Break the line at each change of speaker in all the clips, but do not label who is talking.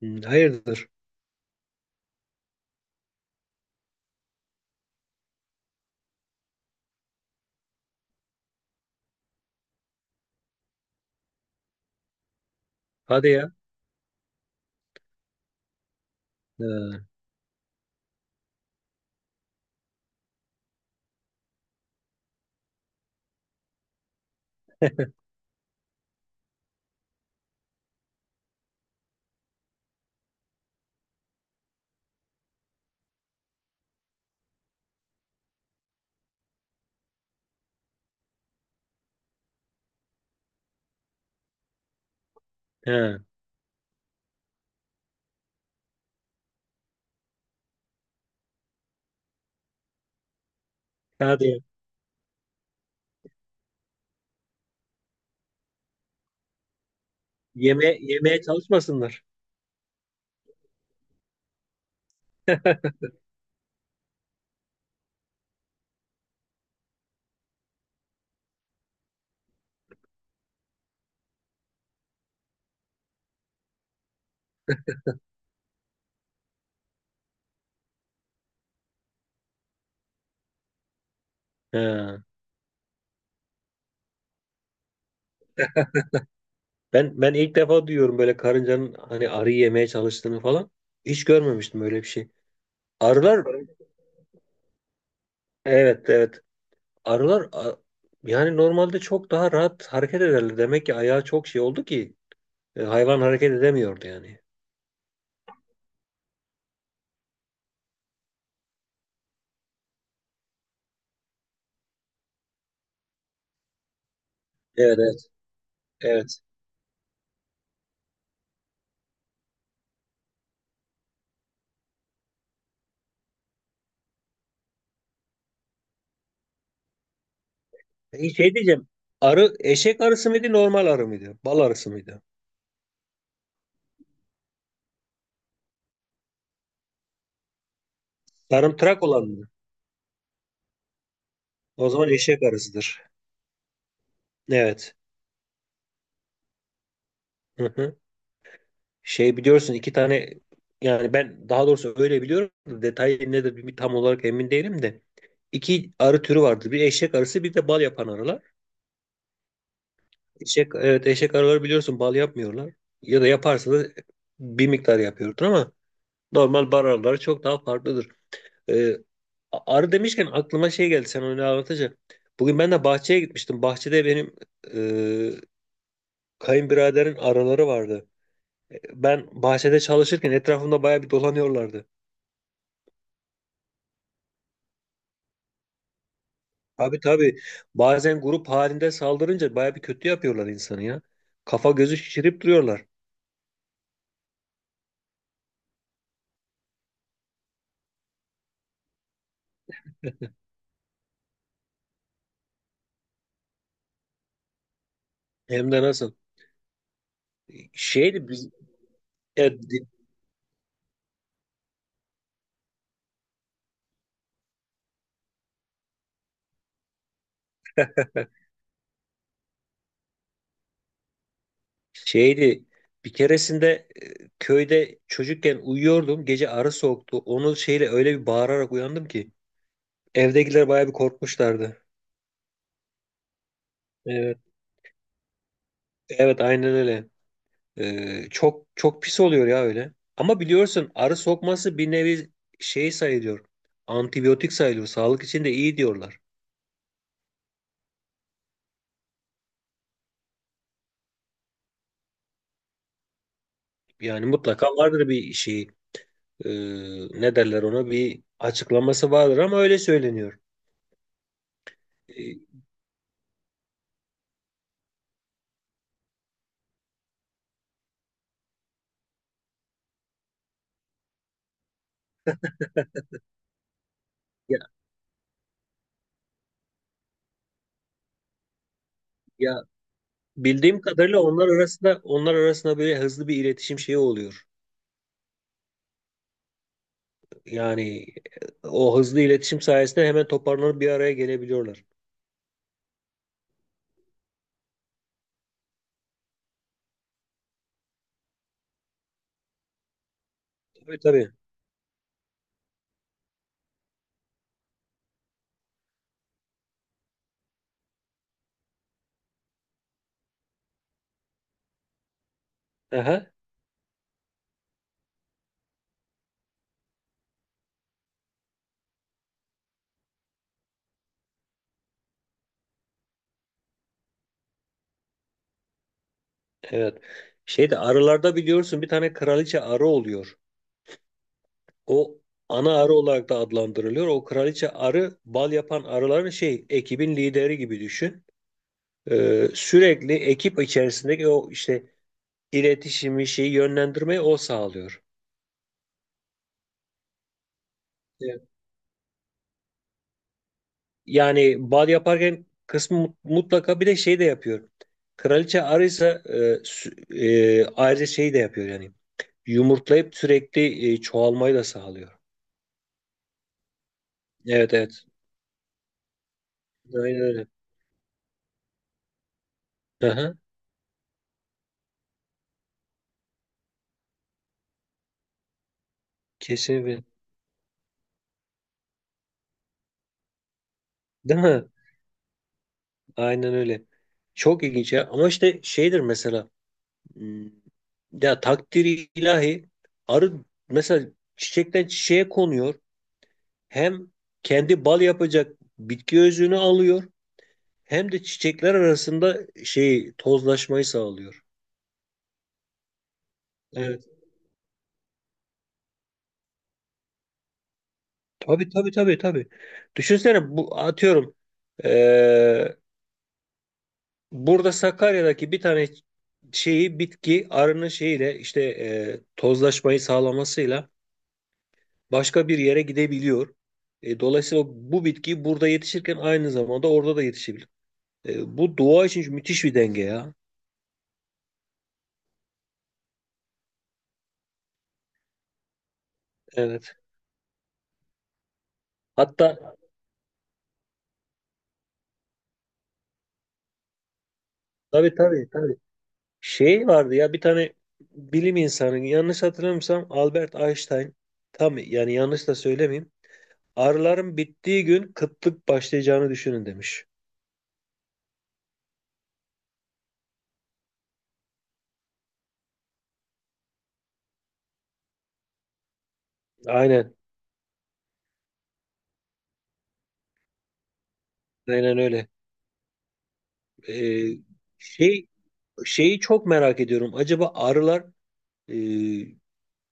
Hmm, hayırdır? Hadi ya. Ha, ha, hadi ya. Yeme, yemeye çalışmasınlar. Ha. Ben ilk defa duyuyorum böyle karıncanın hani arıyı yemeye çalıştığını falan. Hiç görmemiştim öyle bir şey. Arılar, evet, evet. Arılar yani normalde çok daha rahat hareket ederler. Demek ki ayağı çok şey oldu ki hayvan hareket edemiyordu yani. Evet, evet. Evet. Peki şey diyeceğim. Arı eşek arısı mıydı, normal arı mıydı? Bal arısı mıydı? Sarımtırak olan mı? O zaman eşek arısıdır. Evet. Hı hı. Şey biliyorsun, iki tane, yani ben daha doğrusu öyle biliyorum da detayı nedir bir tam olarak emin değilim de iki arı türü vardır. Bir eşek arısı, bir de bal yapan arılar. Eşek, evet, eşek arıları biliyorsun bal yapmıyorlar. Ya da yaparsa da bir miktar yapıyordur ama normal bal arıları çok daha farklıdır. Ee, arı demişken aklıma şey geldi sen onu anlatınca. Bugün ben de bahçeye gitmiştim. Bahçede benim e, kayınbiraderin arıları vardı. Ben bahçede çalışırken etrafımda bayağı bir dolanıyorlardı. Tabii, tabii. Bazen grup halinde saldırınca baya bir kötü yapıyorlar insanı ya. Kafa gözü şişirip duruyorlar. Hem de nasıl? Şeydi biz e, di- şeydi bir keresinde köyde çocukken uyuyordum. Gece arı soktu. Onu şeyle öyle bir bağırarak uyandım ki evdekiler baya bir korkmuşlardı. Evet. Evet, aynen öyle. E, çok çok pis oluyor ya öyle. Ama biliyorsun arı sokması bir nevi şey sayılıyor. Antibiyotik sayılıyor. Sağlık için de iyi diyorlar. Yani mutlaka vardır bir şey. e, Ne derler ona, bir açıklaması vardır ama öyle söyleniyor. E, ya, ya, bildiğim kadarıyla onlar arasında böyle hızlı bir iletişim şeyi oluyor. Yani o hızlı iletişim sayesinde hemen toparlanıp bir araya gelebiliyorlar. Tabii, tabii. Aha, evet. Şeyde arılarda biliyorsun bir tane kraliçe arı oluyor. O ana arı olarak da adlandırılıyor. O kraliçe arı bal yapan arıların şey, ekibin lideri gibi düşün. Sürekli ekip içerisindeki o işte iletişimi şeyi yönlendirmeyi o sağlıyor. Evet. Yani bal yaparken kısmı mutlaka bir de şey de yapıyor. Kraliçe arıysa sü- ayrıca şey de yapıyor yani. Yumurtlayıp sürekli çoğalmayı da sağlıyor. Evet, evet. Aynen öyle. Aha, kesinlikle. Değil mi? Aynen öyle. Çok ilginç ya. Ama işte şeydir mesela. Hmm, ya takdiri ilahi, arı mesela çiçekten çiçeğe konuyor. Hem kendi bal yapacak bitki özünü alıyor, hem de çiçekler arasında şey, tozlaşmayı sağlıyor. Evet. Tabii, tabii, tabii, tabii. Düşünsene bu, atıyorum, eee, burada Sakarya'daki bir tane şeyi, bitki arının şeyiyle, işte tozlaşmayı sağlamasıyla başka bir yere gidebiliyor. E, dolayısıyla bu bitki burada yetişirken aynı zamanda orada da yetişebilir. E, bu doğa için müthiş bir denge ya. Evet. Hatta tabii, tabii, tabii. Şey vardı ya, bir tane bilim insanı, yanlış hatırlamıyorsam Albert Einstein, tam yani yanlış da söylemeyeyim. Arıların bittiği gün kıtlık başlayacağını düşünün demiş. Aynen. Aynen öyle. E, şey, şeyi çok merak ediyorum. Acaba arılar e,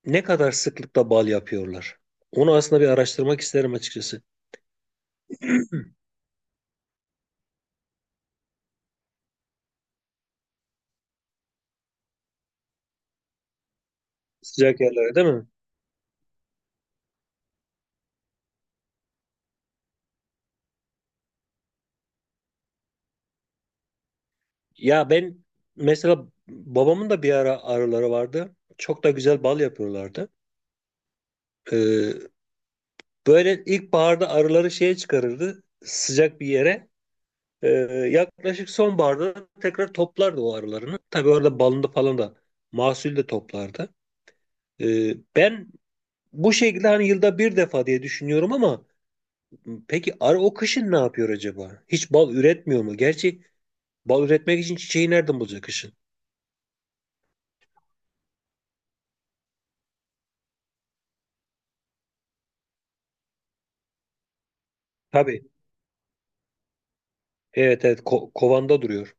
ne kadar sıklıkla bal yapıyorlar? Onu aslında bir araştırmak isterim açıkçası. Sıcak yerlere değil mi? Ya ben, mesela babamın da bir ara arıları vardı. Çok da güzel bal yapıyorlardı. Ee, Böyle ilkbaharda arıları şeye çıkarırdı, sıcak bir yere. Ee, Yaklaşık sonbaharda tekrar toplardı o arılarını. Tabii orada balını falan da, mahsul de toplardı. Ben bu şekilde hani yılda bir defa diye düşünüyorum ama peki arı o kışın ne yapıyor acaba? Hiç bal üretmiyor mu? Gerçi bal üretmek için çiçeği nereden bulacak kışın? Tabii. Evet, evet, kovanda duruyor.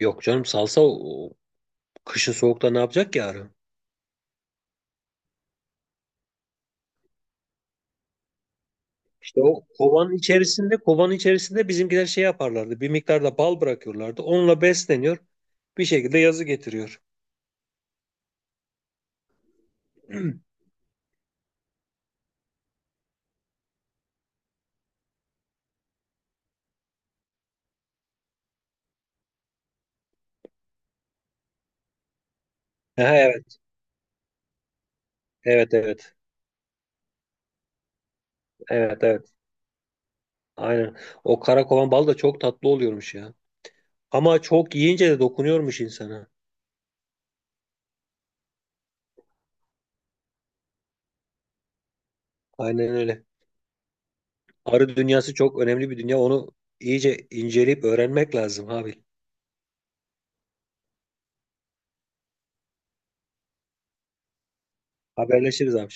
Yok canım, salsa o, o kışın soğukta ne yapacak ki arı? İşte o kovanın içerisinde bizimkiler şey yaparlardı. Bir miktar da bal bırakıyorlardı. Onunla besleniyor. Bir şekilde yazı getiriyor. Ha, evet. Evet, evet. Evet, evet. Aynen. O kara kovan bal da çok tatlı oluyormuş ya. Ama çok yiyince de dokunuyormuş insana. Aynen öyle. Arı dünyası çok önemli bir dünya. Onu iyice inceleyip öğrenmek lazım abi. Haberleşiriz abi.